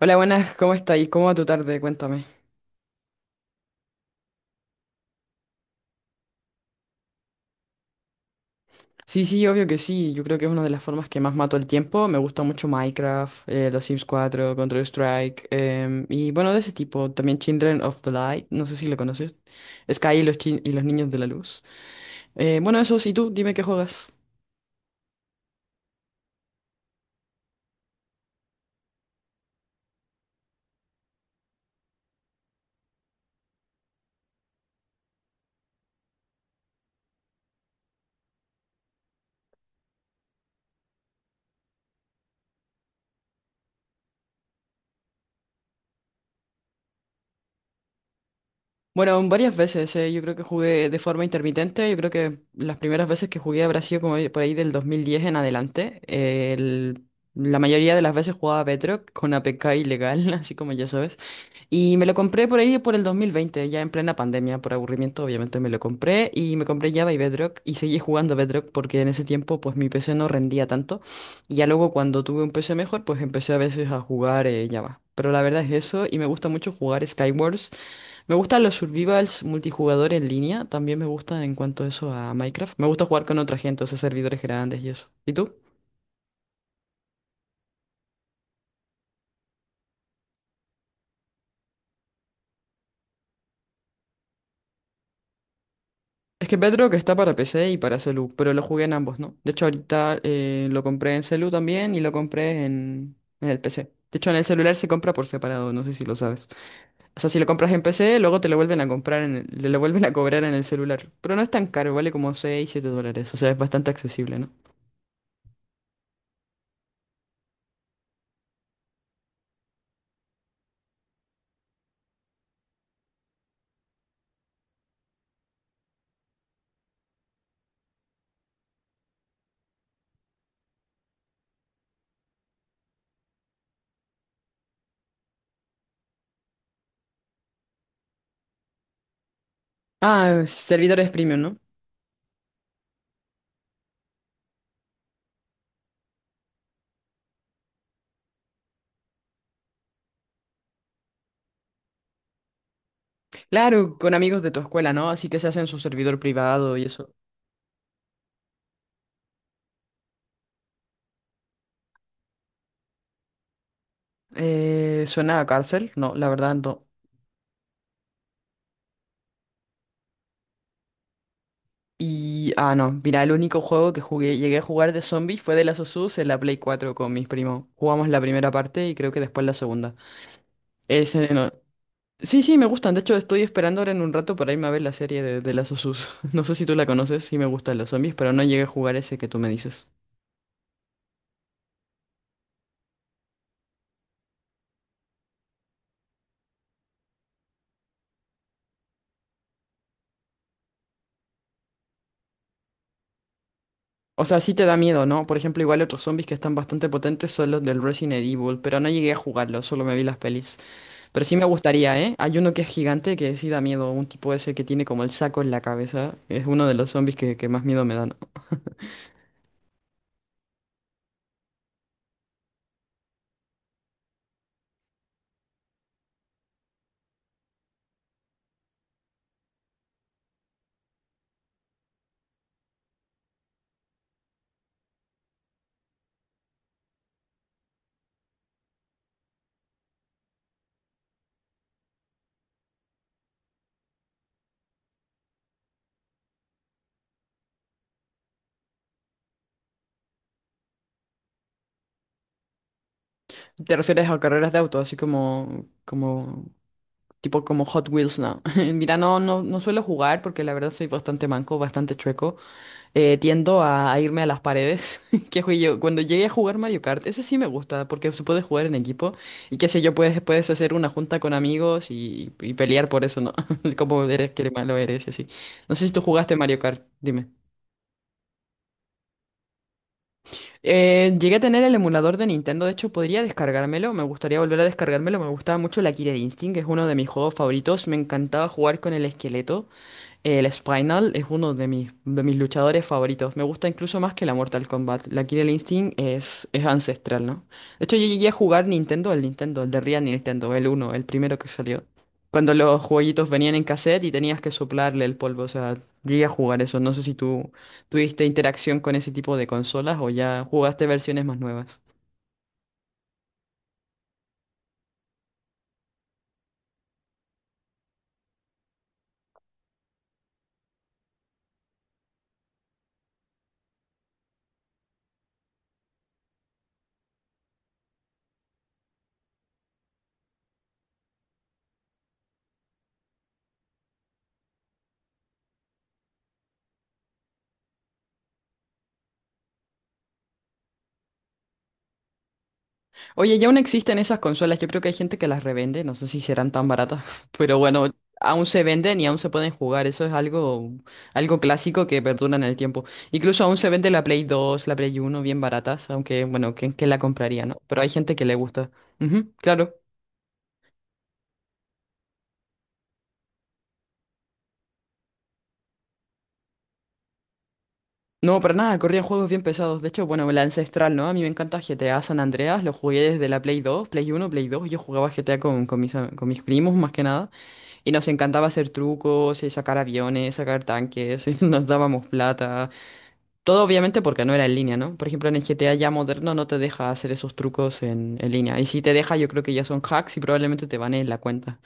Hola, buenas, ¿cómo estáis? ¿Cómo va tu tarde? Cuéntame. Sí, sí, obvio que sí. Yo creo que es una de las formas que más mato el tiempo. Me gusta mucho Minecraft, los Sims 4, Counter-Strike, y bueno, de ese tipo. También Children of the Light, no sé si lo conoces. Sky y los Niños de la Luz. Bueno, eso sí, tú, dime qué juegas. Bueno, varias veces, yo creo que jugué de forma intermitente, yo creo que las primeras veces que jugué habrá sido como por ahí del 2010 en adelante. La mayoría de las veces jugaba Bedrock con APK ilegal, así como ya sabes. Y me lo compré por ahí por el 2020 ya en plena pandemia, por aburrimiento, obviamente me lo compré y me compré Java y Bedrock y seguí jugando a Bedrock porque en ese tiempo pues mi PC no rendía tanto y ya luego cuando tuve un PC mejor pues empecé a veces a jugar Java. Pero la verdad es eso y me gusta mucho jugar Skywars. Me gustan los survivals multijugador en línea, también me gusta en cuanto a eso a Minecraft. Me gusta jugar con otra gente, o sea, servidores grandes y eso. ¿Y tú? Es que Bedrock está para PC y para celu, pero lo jugué en ambos, ¿no? De hecho, ahorita lo compré en celu también y lo compré en el PC. De hecho, en el celular se compra por separado, no sé si lo sabes. O sea, si lo compras en PC, luego te lo vuelven a cobrar en el celular. Pero no es tan caro, vale como 6 7 dólares. O sea, es bastante accesible, ¿no? Ah, servidores premium, ¿no? Claro, con amigos de tu escuela, ¿no? Así que se hacen su servidor privado y eso. ¿Suena a cárcel? No, la verdad no. Y, no, mira, el único juego que jugué, llegué a jugar de zombies fue de Last of Us en la Play 4 con mis primos. Jugamos la primera parte y creo que después la segunda. Ese no- Sí, sí, me gustan. De hecho, estoy esperando ahora en un rato para irme a ver la serie de Last of Us. No sé si tú la conoces, sí me gustan los zombies, pero no llegué a jugar ese que tú me dices. O sea, sí te da miedo, ¿no? Por ejemplo, igual otros zombies que están bastante potentes son los del Resident Evil, pero no llegué a jugarlos, solo me vi las pelis. Pero sí me gustaría, ¿eh? Hay uno que es gigante que sí da miedo, un tipo ese que tiene como el saco en la cabeza. Es uno de los zombies que más miedo me dan. Te refieres a carreras de auto, así tipo como Hot Wheels, ¿no? Mira, no, no, no suelo jugar porque la verdad soy bastante manco, bastante chueco. Tiendo a irme a las paredes. Que fui yo, cuando llegué a jugar Mario Kart, ese sí me gusta, porque se puede jugar en equipo y qué sé yo, puedes hacer una junta con amigos y pelear por eso, ¿no? Como eres que malo eres y así. No sé si tú jugaste Mario Kart, dime. Llegué a tener el emulador de Nintendo, de hecho podría descargármelo, me gustaría volver a descargármelo, me gustaba mucho la Killer Instinct, es uno de mis juegos favoritos, me encantaba jugar con el esqueleto. El Spinal es uno de mis luchadores favoritos. Me gusta incluso más que la Mortal Kombat. La Killer Instinct es ancestral, ¿no? De hecho, yo llegué a jugar Nintendo, el de Real Nintendo, el uno el primero que salió. Cuando los jueguitos venían en cassette y tenías que soplarle el polvo. O sea, llegué a jugar eso. No sé si tú tuviste interacción con ese tipo de consolas o ya jugaste versiones más nuevas. Oye, ya aún existen esas consolas, yo creo que hay gente que las revende, no sé si serán tan baratas, pero bueno, aún se venden y aún se pueden jugar, eso es algo clásico que perdura en el tiempo. Incluso aún se vende la Play 2, la Play 1, bien baratas, aunque bueno, ¿quién la compraría, no? Pero hay gente que le gusta. Ujú, claro. No, para nada, corrían juegos bien pesados. De hecho, bueno, la ancestral, ¿no? A mí me encanta GTA San Andreas, lo jugué desde la Play 2, Play 1, Play 2. Yo jugaba GTA con mis primos más que nada. Y nos encantaba hacer trucos, y sacar aviones, sacar tanques, y nos dábamos plata. Todo obviamente porque no era en línea, ¿no? Por ejemplo, en el GTA ya moderno no te deja hacer esos trucos en línea. Y si te deja, yo creo que ya son hacks y probablemente te baneen la cuenta.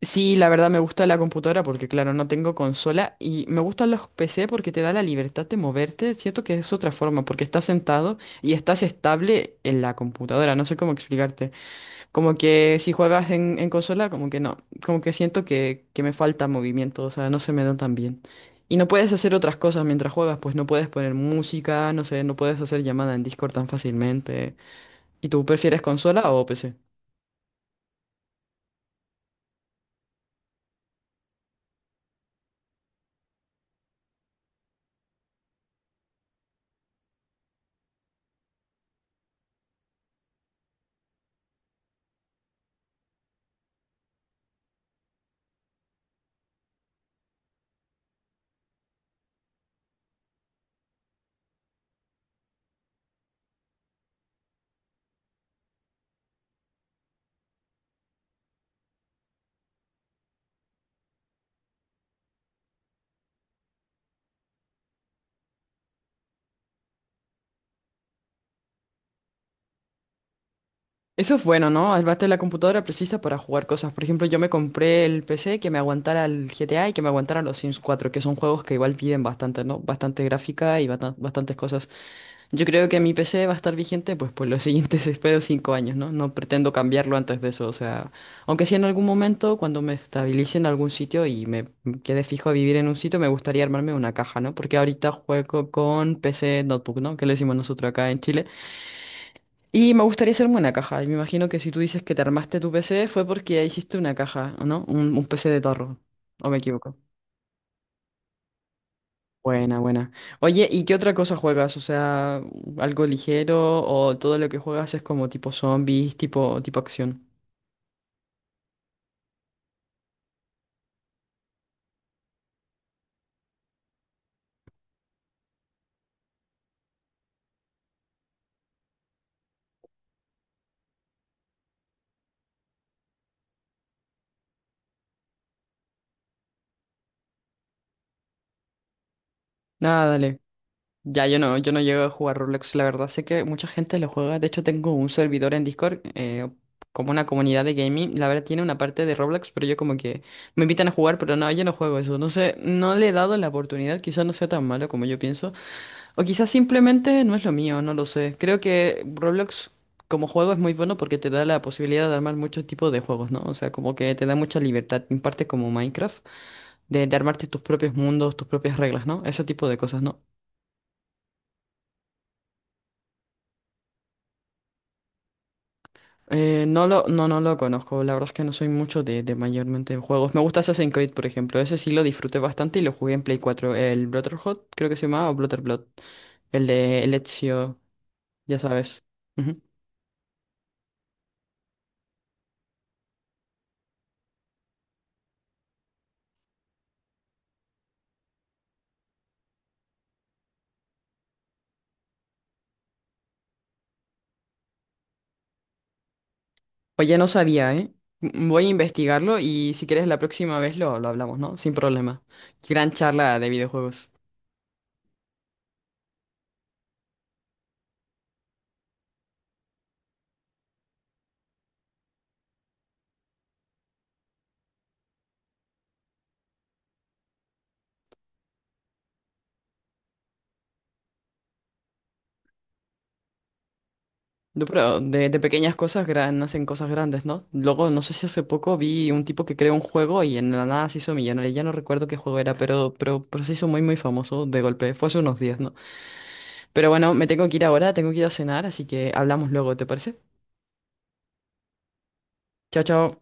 Sí, la verdad me gusta la computadora porque, claro, no tengo consola. Y me gustan los PC porque te da la libertad de moverte. Siento que es otra forma, porque estás sentado y estás estable en la computadora. No sé cómo explicarte. Como que si juegas en consola, como que no. Como que siento que me falta movimiento, o sea, no se me dan tan bien. Y no puedes hacer otras cosas mientras juegas, pues no puedes poner música, no sé, no puedes hacer llamada en Discord tan fácilmente. ¿Y tú prefieres consola o PC? Eso es bueno, ¿no? Además, la computadora precisa para jugar cosas. Por ejemplo, yo me compré el PC que me aguantara el GTA y que me aguantara los Sims 4, que son juegos que igual piden bastante, ¿no? Bastante gráfica y bastantes cosas. Yo creo que mi PC va a estar vigente pues por los siguientes, espero, 5 años, ¿no? No pretendo cambiarlo antes de eso, o sea, aunque sí en algún momento, cuando me estabilice en algún sitio y me quede fijo a vivir en un sitio, me gustaría armarme una caja, ¿no? Porque ahorita juego con PC Notebook, ¿no? Que le decimos nosotros acá en Chile. Y me gustaría hacerme una caja. Y me imagino que si tú dices que te armaste tu PC fue porque hiciste una caja, ¿o no? Un PC de tarro. ¿O me equivoco? Buena, buena. Oye, ¿y qué otra cosa juegas? O sea, algo ligero o todo lo que juegas es como tipo zombies, tipo acción. Nada, dale. Ya yo no llego a jugar Roblox, la verdad. Sé que mucha gente lo juega. De hecho, tengo un servidor en Discord, como una comunidad de gaming. La verdad tiene una parte de Roblox, pero yo como que me invitan a jugar, pero no, yo no juego eso. No sé, no le he dado la oportunidad. Quizás no sea tan malo como yo pienso. O quizás simplemente no es lo mío, no lo sé. Creo que Roblox como juego es muy bueno porque te da la posibilidad de armar muchos tipos de juegos, ¿no? O sea, como que te da mucha libertad, en parte como Minecraft, de armarte tus propios mundos, tus propias reglas, ¿no? Ese tipo de cosas, ¿no? No lo, no, no lo conozco, la verdad es que no soy mucho de mayormente juegos. Me gusta Assassin's Creed, por ejemplo, ese sí lo disfruté bastante y lo jugué en Play 4 El Brotherhood, creo que se llamaba, o blood el de el Ezio, ya sabes. Ujú. Oye, no sabía, ¿eh? Voy a investigarlo y si quieres la próxima vez lo hablamos, ¿no? Sin problema. Gran charla de videojuegos. No, pero de pequeñas cosas nacen cosas grandes, ¿no? Luego, no sé si hace poco vi un tipo que creó un juego y en la nada se hizo millonario. Ya no recuerdo qué juego era, pero se hizo muy, muy famoso de golpe. Fue hace unos días, ¿no? Pero bueno, me tengo que ir ahora, tengo que ir a cenar, así que hablamos luego, ¿te parece? Chao, chao.